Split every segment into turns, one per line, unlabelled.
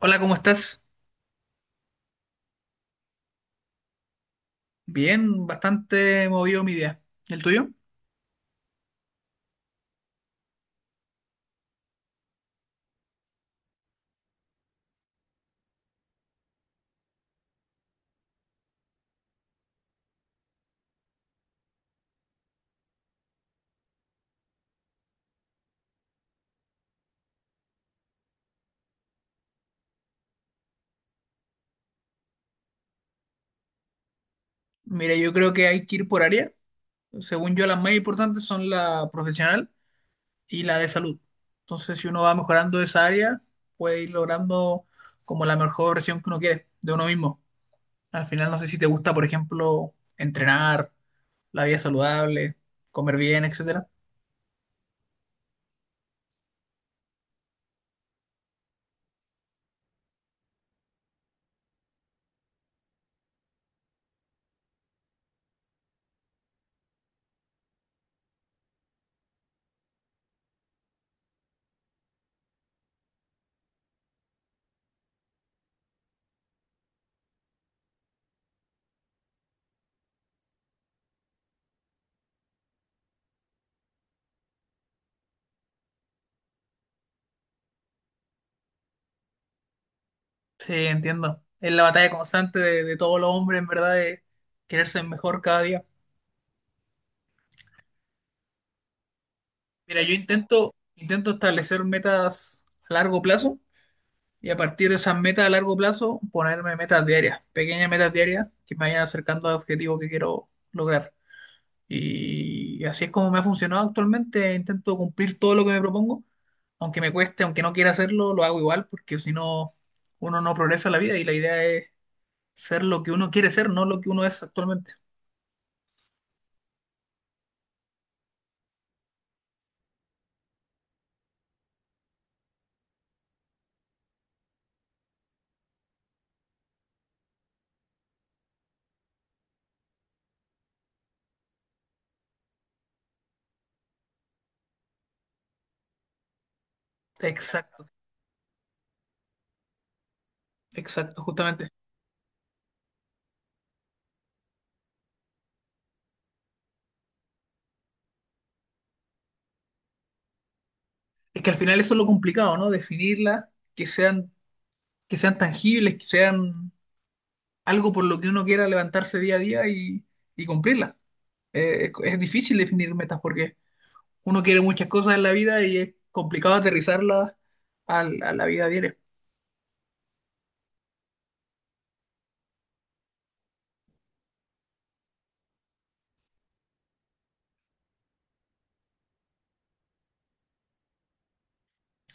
Hola, ¿cómo estás? Bien, bastante movido mi día. ¿El tuyo? Mira, yo creo que hay que ir por área. Según yo, las más importantes son la profesional y la de salud. Entonces, si uno va mejorando esa área, puede ir logrando como la mejor versión que uno quiere de uno mismo. Al final, no sé si te gusta, por ejemplo, entrenar, la vida saludable, comer bien, etcétera. Sí, entiendo. Es la batalla constante de todos los hombres, en verdad, de quererse mejor cada día. Mira, yo intento establecer metas a largo plazo y a partir de esas metas a largo plazo ponerme metas diarias, pequeñas metas diarias que me vayan acercando al objetivo que quiero lograr. Y así es como me ha funcionado actualmente. Intento cumplir todo lo que me propongo, aunque me cueste, aunque no quiera hacerlo, lo hago igual, porque si no, uno no progresa en la vida y la idea es ser lo que uno quiere ser, no lo que uno es actualmente. Exacto, exacto, justamente. Es que al final eso es lo complicado, ¿no? Definirla, que sean que sean tangibles, que sean algo por lo que uno quiera levantarse día a día y cumplirla. Es difícil definir metas porque uno quiere muchas cosas en la vida y es complicado aterrizarlas a la vida diaria.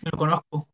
Lo conozco,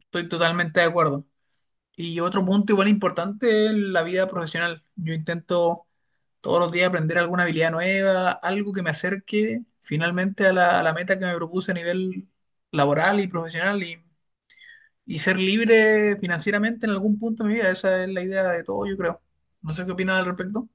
estoy totalmente de acuerdo. Y otro punto igual importante es la vida profesional. Yo intento todos los días aprender alguna habilidad nueva, algo que me acerque finalmente a la meta que me propuse a nivel laboral y profesional y ser libre financieramente en algún punto de mi vida. Esa es la idea de todo, yo creo. No sé qué opinas al respecto.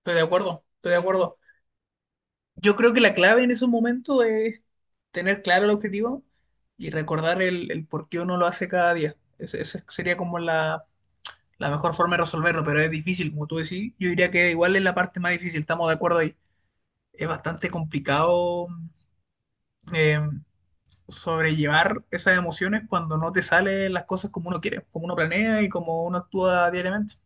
Estoy de acuerdo, estoy de acuerdo. Yo creo que la clave en esos momentos es tener claro el objetivo y recordar el por qué uno lo hace cada día. Esa sería como la mejor forma de resolverlo, pero es difícil, como tú decís. Yo diría que igual es la parte más difícil, estamos de acuerdo ahí. Es bastante complicado eh, sobrellevar esas emociones cuando no te salen las cosas como uno quiere, como uno planea y como uno actúa diariamente.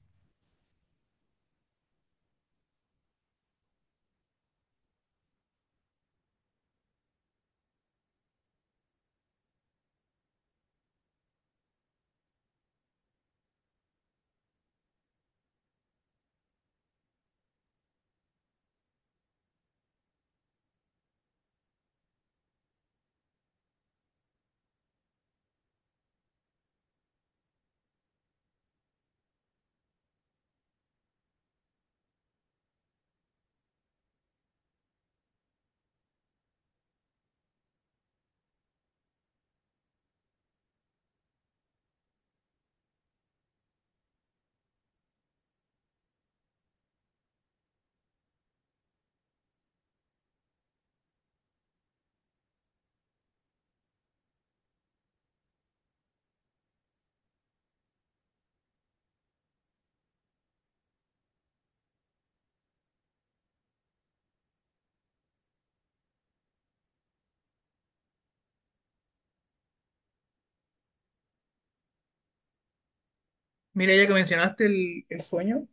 Mira, ya que mencionaste el sueño,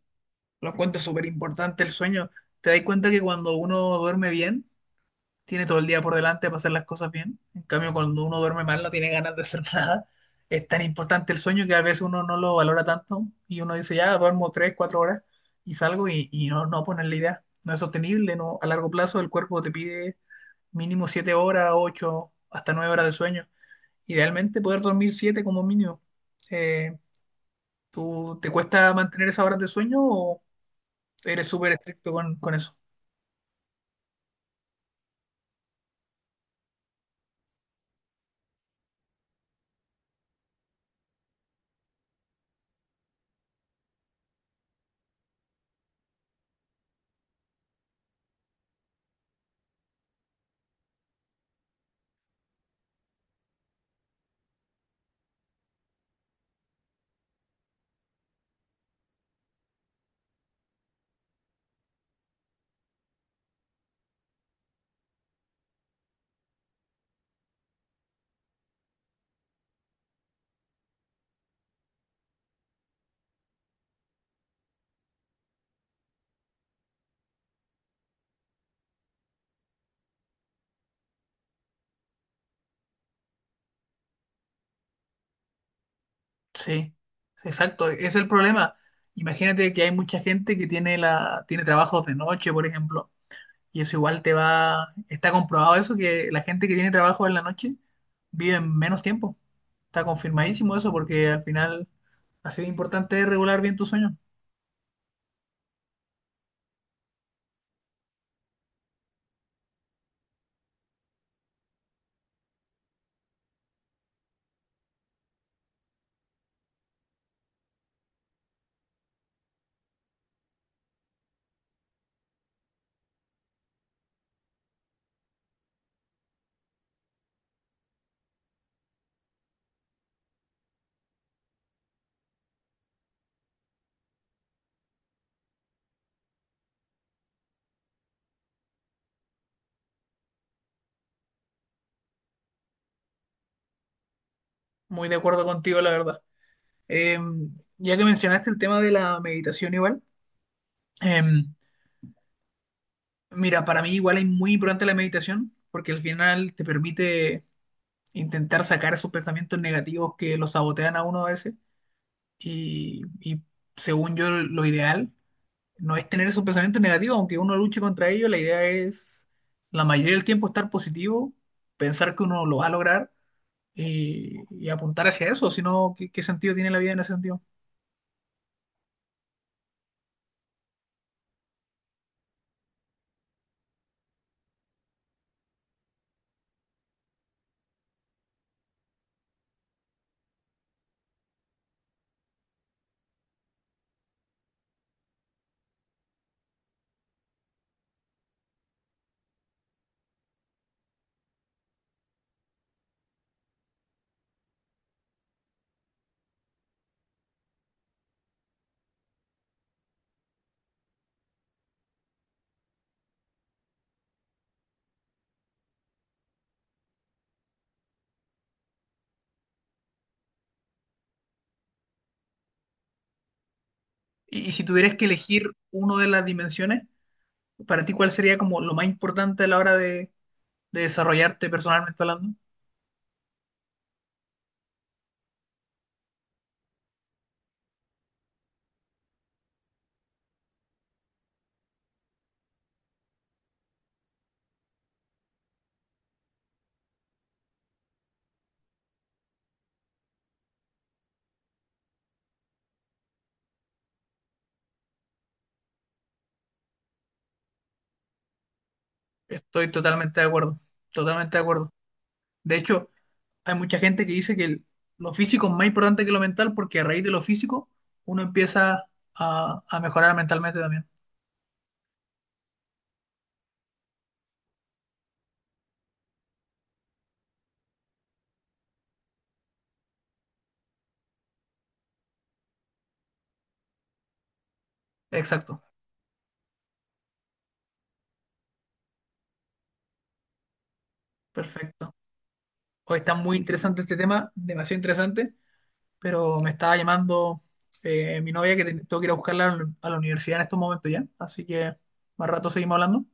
lo encuentro súper importante el sueño. Te das cuenta que cuando uno duerme bien, tiene todo el día por delante para hacer las cosas bien. En cambio, cuando uno duerme mal, no tiene ganas de hacer nada. Es tan importante el sueño que a veces uno no lo valora tanto y uno dice, ya, duermo 3, 4 horas y salgo y no, no pones la idea. No es sostenible, no, a largo plazo el cuerpo te pide mínimo 7 horas, 8 hasta 9 horas de sueño. Idealmente poder dormir 7 como mínimo. Eh, ¿Tú te cuesta mantener esas horas de sueño o eres súper estricto con eso? Sí, sí, exacto, es el problema. Imagínate que hay mucha gente que tiene trabajos de noche, por ejemplo, y eso igual te va, está comprobado eso, que la gente que tiene trabajo en la noche vive menos tiempo. Está confirmadísimo eso porque al final así de importante es regular bien tu sueño. Muy de acuerdo contigo, la verdad. Ya que mencionaste el tema de la meditación igual, em, mira, para mí igual es muy importante la meditación porque al final te permite intentar sacar esos pensamientos negativos que los sabotean a uno a veces y según yo lo ideal no es tener esos pensamientos negativos, aunque uno luche contra ellos, la idea es la mayoría del tiempo estar positivo, pensar que uno lo va a lograr y apuntar hacia eso, si no, ¿qué sentido tiene la vida en ese sentido? Y si tuvieras que elegir una de las dimensiones, para ti, ¿cuál sería como lo más importante a la hora de desarrollarte personalmente hablando? Estoy totalmente de acuerdo, totalmente de acuerdo. De hecho, hay mucha gente que dice que lo físico es más importante que lo mental porque a raíz de lo físico uno empieza a mejorar mentalmente también. Exacto, perfecto. Hoy está muy interesante este tema, demasiado interesante, pero me estaba llamando mi novia que tengo que ir a buscarla a la universidad en estos momentos ya, así que más rato seguimos hablando.